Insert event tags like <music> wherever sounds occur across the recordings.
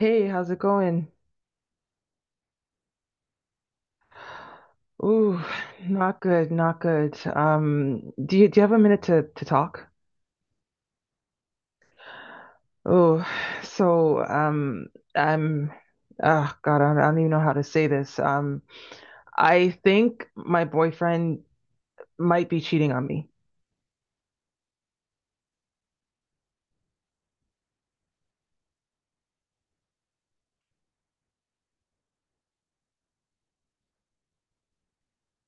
Hey, how's it going? Ooh, not good, not good. Do you have a minute to talk? Oh, so I'm, oh God, I don't even know how to say this. I think my boyfriend might be cheating on me.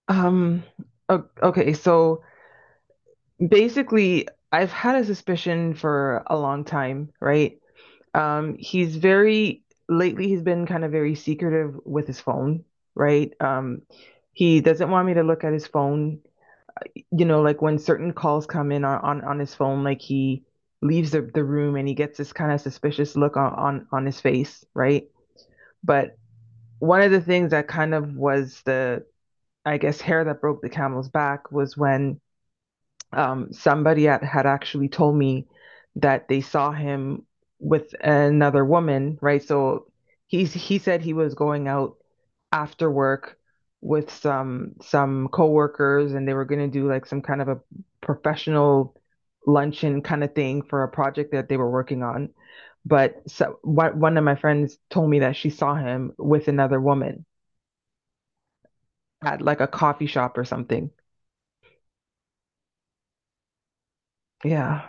Um, okay, so basically, I've had a suspicion for a long time, right? He's very Lately he's been kind of very secretive with his phone, right? He doesn't want me to look at his phone. You know, like when certain calls come in on his phone, like he leaves the room and he gets this kind of suspicious look on his face, right? But one of the things that kind of was the, I guess, hair that broke the camel's back was when somebody had actually told me that they saw him with another woman, right? So he said he was going out after work with some coworkers, and they were going to do like some kind of a professional luncheon kind of thing for a project that they were working on. But so, one of my friends told me that she saw him with another woman at like a coffee shop or something. Yeah.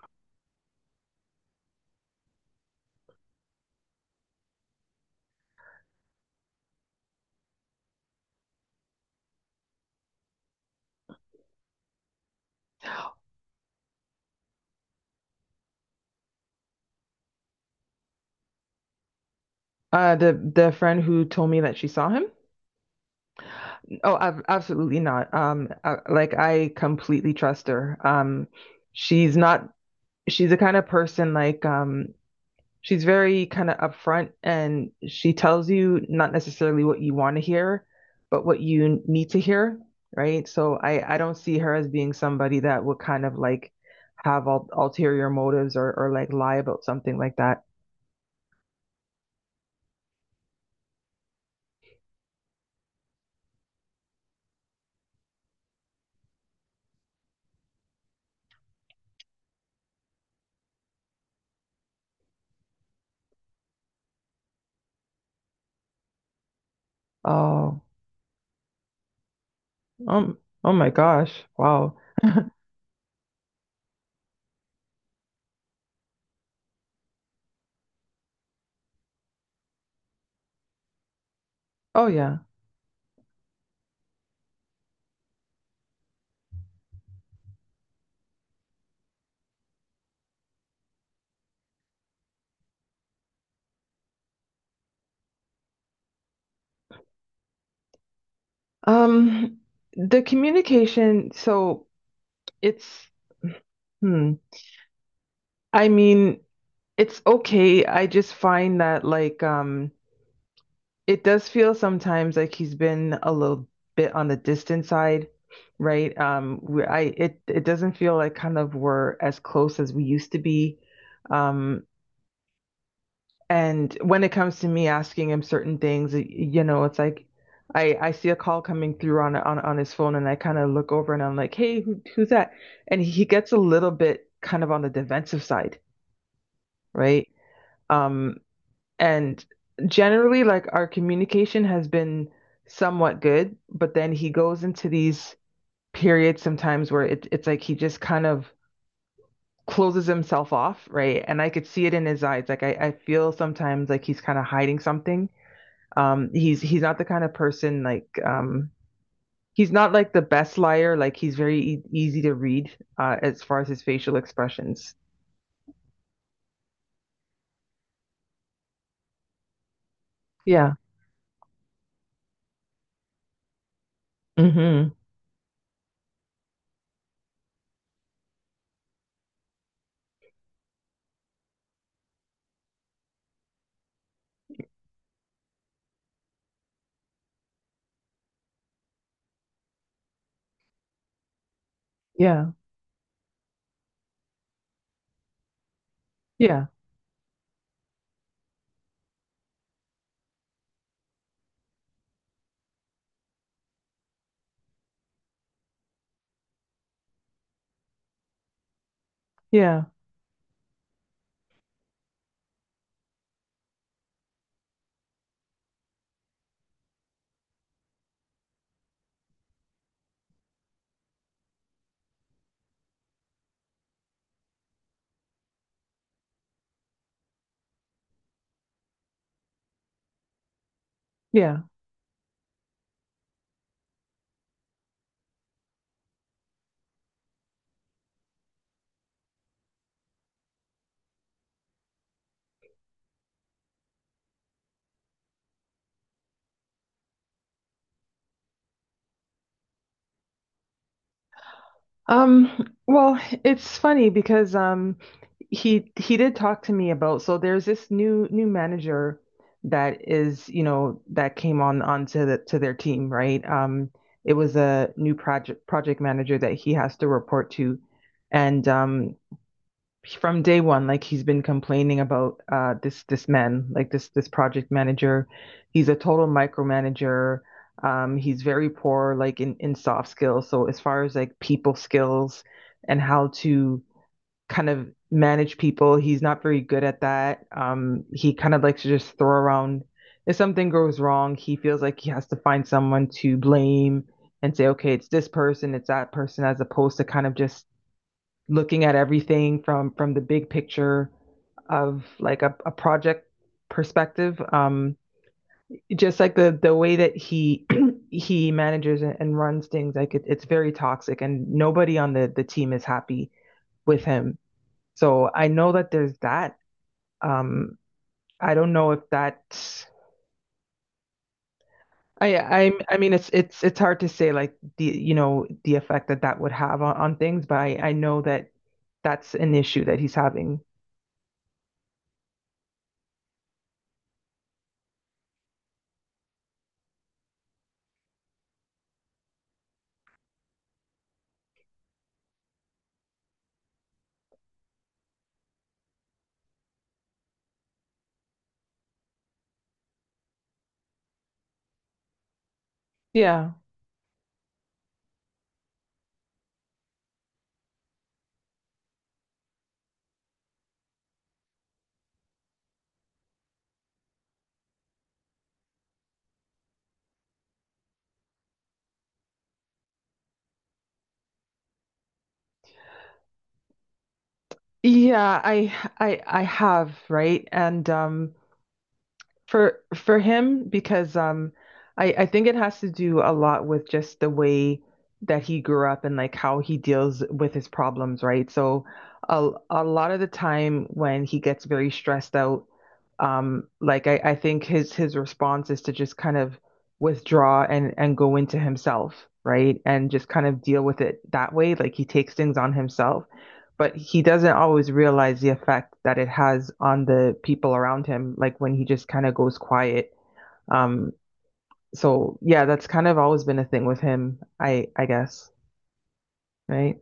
The friend who told me that she saw him. Oh, ab absolutely not. Like I completely trust her. She's not, she's the kind of person, like, she's very kind of upfront, and she tells you not necessarily what you want to hear, but what you need to hear, right? So I don't see her as being somebody that would kind of like have ul ulterior motives, or like lie about something like that. Oh, um, oh my gosh. Wow. Oh yeah. Um, the communication, so It's hmm. I mean, it's okay. I just find that, like, um, it does feel sometimes like he's been a little bit on the distant side, right? We, I It it doesn't feel like kind of we're as close as we used to be. Um, and when it comes to me asking him certain things, you know, it's like I see a call coming through on his phone, and I kind of look over and I'm like, "Hey, who's that?" And he gets a little bit kind of on the defensive side, right? Um, and generally, like, our communication has been somewhat good, but then he goes into these periods sometimes where it's like he just kind of closes himself off, right? And I could see it in his eyes. Like, I feel sometimes like he's kind of hiding something. Um, he's not the kind of person like, he's not like the best liar. Like, he's very easy to read, as far as his facial expressions. Yeah. Hmm. Yeah. Yeah. Yeah. Yeah. Well, it's funny because um, he did talk to me about, so there's this new manager that is, you know, that came on onto the to their team, right? Um, it was a new project manager that he has to report to. And um, from day one, like, he's been complaining about, this man, like, this project manager. He's a total micromanager. He's very poor, like, in soft skills. So as far as like people skills and how to kind of manage people, he's not very good at that. He kind of likes to just throw around. If something goes wrong, he feels like he has to find someone to blame and say, okay, it's this person, it's that person, as opposed to kind of just looking at everything from the big picture of like a project perspective. Just like the way that he <clears throat> he manages and runs things, like, it's very toxic, and nobody on the team is happy with him. So I know that there's that. Um, I don't know if that. I mean, it's hard to say, like, the, you know, the effect that that would have on things, but I know that that's an issue that he's having. Yeah, Yeah, I have, right? And um, for him, because um, I think it has to do a lot with just the way that he grew up and like how he deals with his problems, right? So a lot of the time when he gets very stressed out, um, like, I think his response is to just kind of withdraw and go into himself, right? And just kind of deal with it that way, like he takes things on himself, but he doesn't always realize the effect that it has on the people around him, like when he just kind of goes quiet. Um, so yeah, that's kind of always been a thing with him, I guess, right?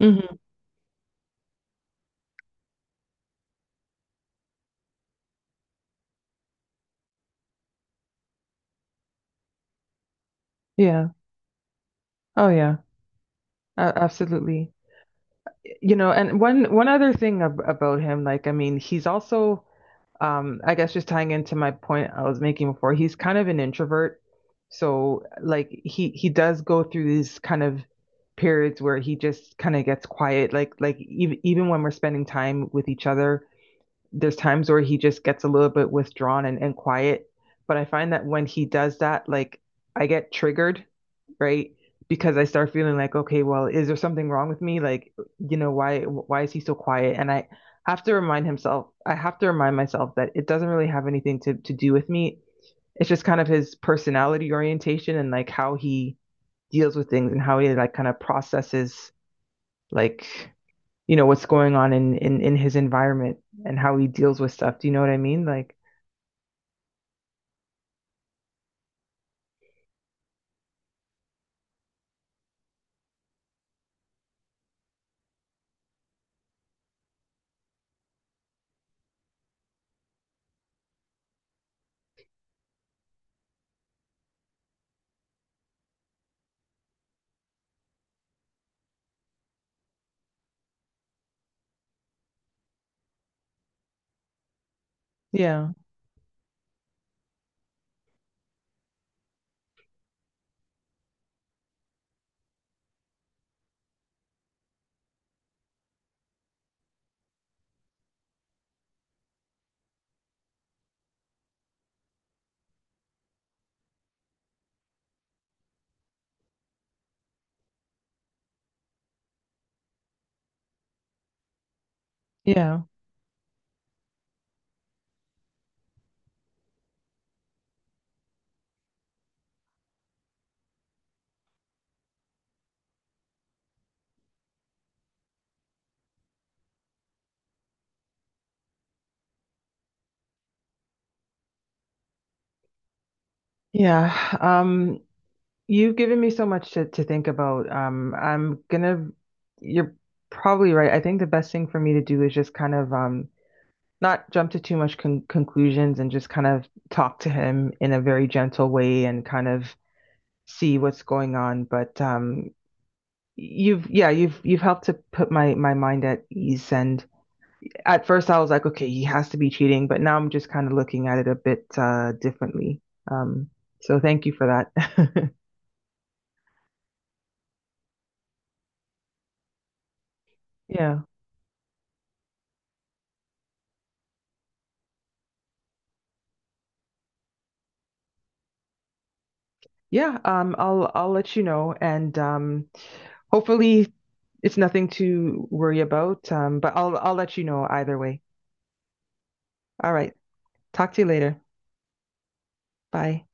Hmm. Yeah. Oh yeah. A- absolutely. You know, and one other thing about him, like, I mean, he's also, I guess just tying into my point I was making before, he's kind of an introvert. So like he does go through these kind of periods where he just kind of gets quiet. Like, even when we're spending time with each other, there's times where he just gets a little bit withdrawn and quiet. But I find that when he does that, like, I get triggered, right? Because I start feeling like, okay, well, is there something wrong with me? Like, you know, why is he so quiet? And I have to remind himself, I have to remind myself that it doesn't really have anything to do with me. It's just kind of his personality orientation and like how he deals with things and how he, like, kind of processes, like, you know, what's going on in his environment and how he deals with stuff. Do you know what I mean? Like, yeah. Yeah. Yeah. Um, you've given me so much to think about. Um, you're probably right. I think the best thing for me to do is just kind of, not jump to too much conclusions and just kind of talk to him in a very gentle way and kind of see what's going on. But yeah, you've helped to put my my mind at ease. And at first I was like, okay, he has to be cheating, but now I'm just kind of looking at it a bit, differently. Um, so thank you for that. <laughs> Yeah. Yeah, I'll let you know, and hopefully it's nothing to worry about. But I'll let you know either way. All right, talk to you later. Bye.